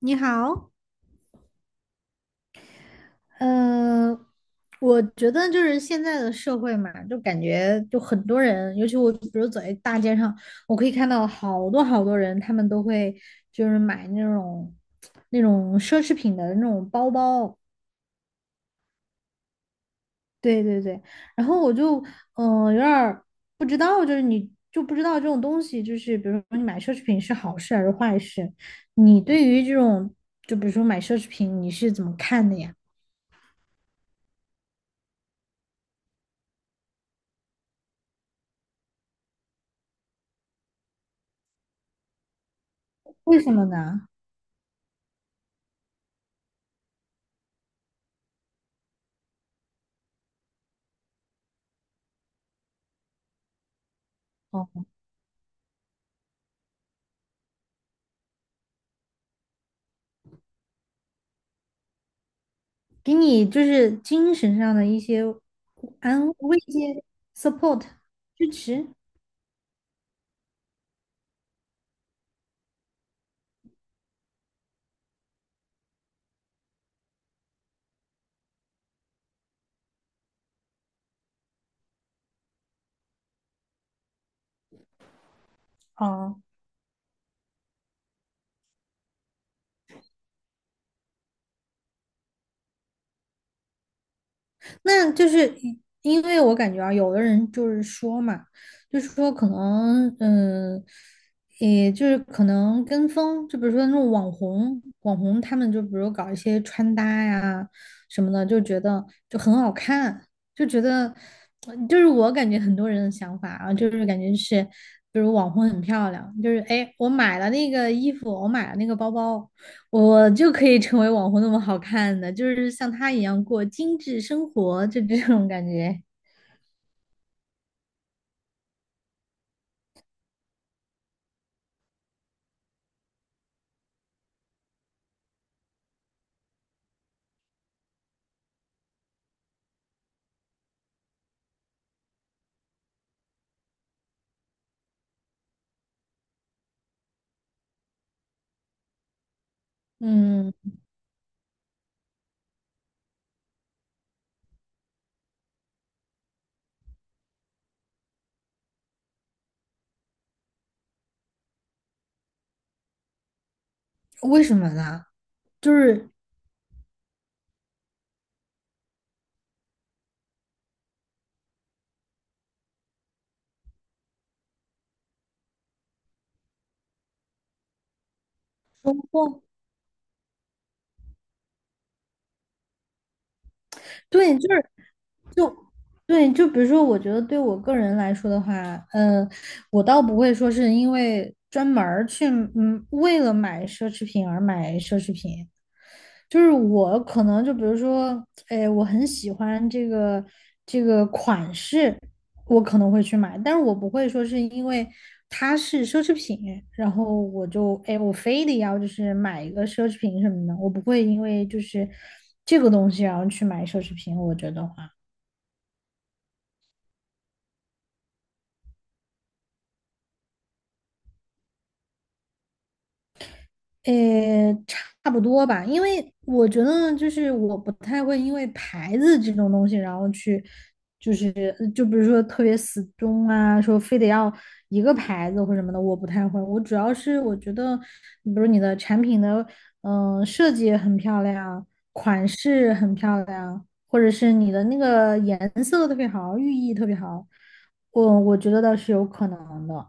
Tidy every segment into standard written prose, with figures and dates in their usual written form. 你好，呃，我觉得就是现在的社会嘛，就感觉就很多人，尤其我比如走在大街上，我可以看到好多好多人，他们都会就是买那种奢侈品的那种包包。对对对，然后我就有点儿不知道，就是你就不知道这种东西，就是比如说你买奢侈品是好事还是坏事，你对于这种就比如说买奢侈品你是怎么看的呀？为什么呢？哦。给你就是精神上的一些安慰慰藉、support 支持。哦。那就是因为我感觉啊，有的人就是说嘛，就是说可能，也就是可能跟风，就比如说那种网红，他们就比如搞一些穿搭呀什么的，就觉得就很好看，就觉得，就是我感觉很多人的想法啊，就是感觉是，比如网红很漂亮，就是哎，我买了那个衣服，我买了那个包包。我就可以成为网红那么好看的，就是像他一样过精致生活，就这种感觉。嗯，为什么呢？就是收获。对，就对，就比如说，我觉得对我个人来说的话，呃，我倒不会说是因为专门儿去，为了买奢侈品而买奢侈品。就是我可能就比如说，哎，我很喜欢这个款式，我可能会去买，但是我不会说是因为它是奢侈品，然后我就哎，我非得要就是买一个奢侈品什么的，我不会因为就是这个东西然后去买奢侈品，我觉得。诶，差不多吧，因为我觉得就是我不太会因为牌子这种东西，然后去就是就比如说特别死忠啊，说非得要一个牌子或什么的，我不太会。我主要是我觉得，比如你的产品的设计很漂亮，款式很漂亮，或者是你的那个颜色特别好，寓意特别好，我觉得倒是有可能的。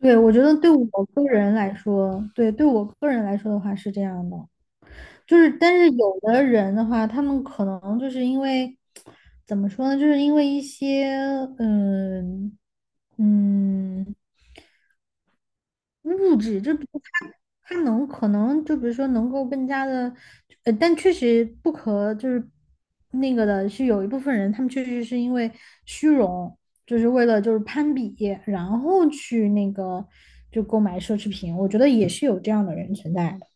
对，我觉得对我个人来说，对，对我个人来说的话是这样的，就是但是有的人的话，他们可能就是因为怎么说呢，就是因为一些嗯嗯物质，就比如它能可能就比如说能够更加的，但确实不可就是那个的是有一部分人，他们确实是因为虚荣，就是为了就是攀比，然后去那个就购买奢侈品，我觉得也是有这样的人存在的。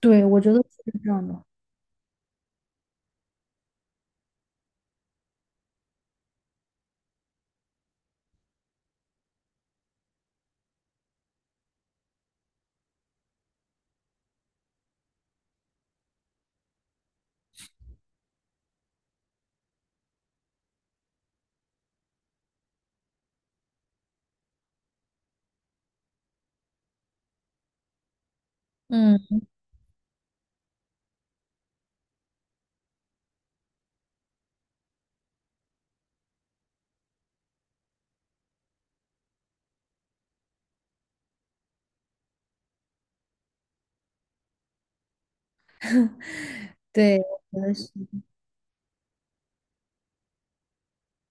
对，我觉得是这样的。嗯，对，我觉得是。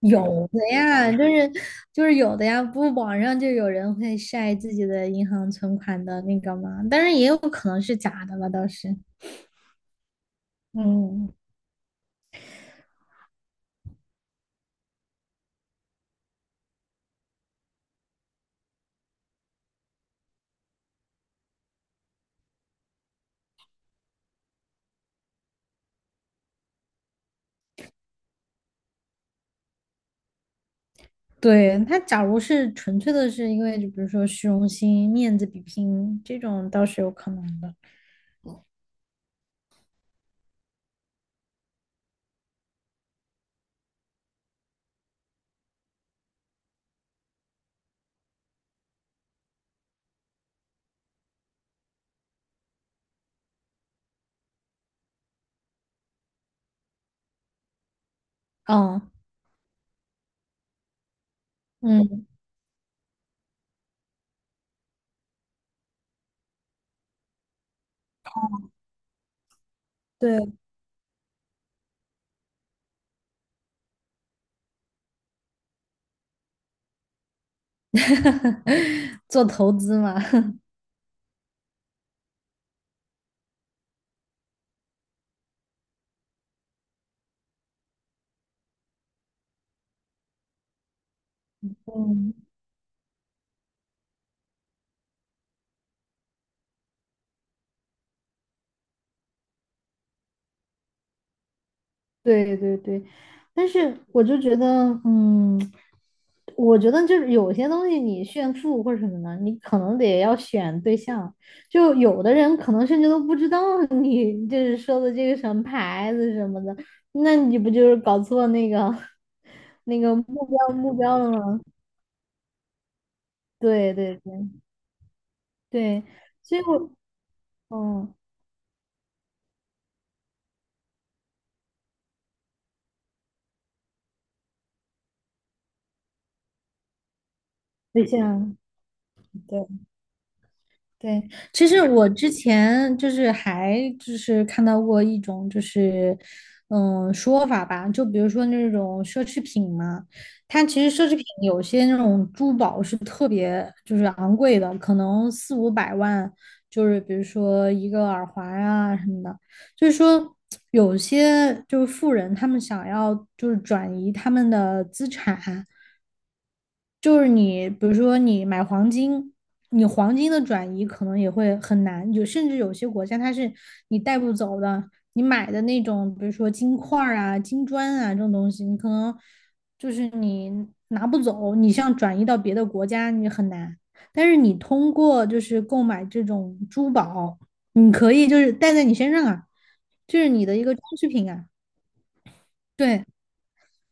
有的呀，就是有的呀，不网上就有人会晒自己的银行存款的那个嘛，但是也有可能是假的吧，倒是。嗯，对，他假如是纯粹的是因为就比如说虚荣心、面子比拼这种倒是有可能的。哦，嗯，对，做投资嘛，嗯。对对对，但是我就觉得，嗯，我觉得就是有些东西你炫富或者什么的，你可能得要选对象。就有的人可能甚至都不知道 你就是说的这个什么牌子什么的，那你不就是搞错那个 那个目标了吗？对对对对，所以我，嗯，对象。对。对，其实我之前就是还就是看到过一种就是嗯说法吧，就比如说那种奢侈品嘛，它其实奢侈品有些那种珠宝是特别就是昂贵的，可能四五百万，就是比如说一个耳环啊什么的，就是说有些就是富人他们想要就是转移他们的资产。就是你，比如说你买黄金，你黄金的转移可能也会很难，有甚至有些国家它是你带不走的，你买的那种，比如说金块儿啊、金砖啊这种东西，你可能就是你拿不走，你像转移到别的国家你很难，但是你通过就是购买这种珠宝，你可以就是带在你身上啊，就是你的一个装饰品啊，对。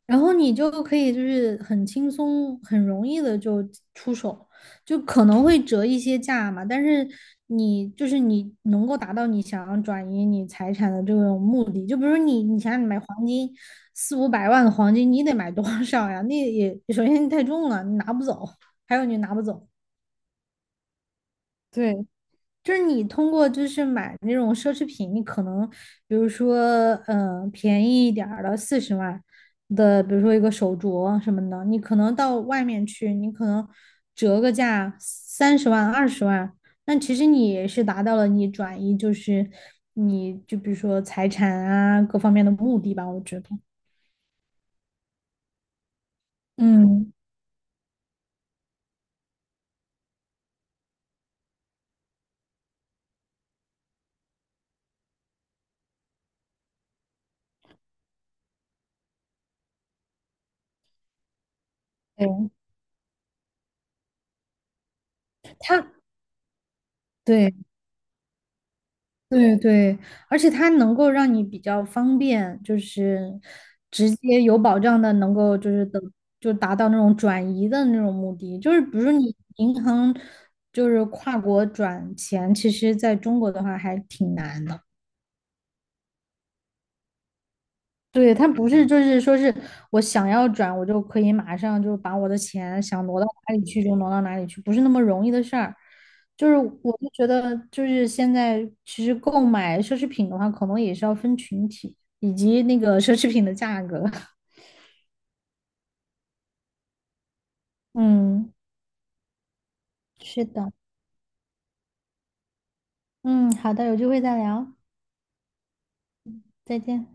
然后你就可以就是很轻松、很容易的就出手，就可能会折一些价嘛，但是你就是你能够达到你想要转移你财产的这种目的，就比如你想你买黄金四五百万的黄金，你得买多少呀？那也首先太重了，你拿不走，还有你拿不走。对，就是你通过就是买那种奢侈品，你可能比如说，便宜一点儿的40万的，比如说一个手镯什么的，你可能到外面去，你可能折个价30万、20万，那其实你也是达到了你转移，就是你就比如说财产啊各方面的目的吧，我觉得。嗯，对，他对，对对，而且它能够让你比较方便，就是直接有保障的，能够就是等就达到那种转移的那种目的。就是比如说你银行就是跨国转钱，其实在中国的话还挺难的。对，他不是就是说是我想要转，我就可以马上就把我的钱想挪到哪里去就挪到哪里去，不是那么容易的事儿。就是我就觉得，就是现在其实购买奢侈品的话，可能也是要分群体以及那个奢侈品的价格。嗯，是的，嗯，好的，有机会再聊，再见。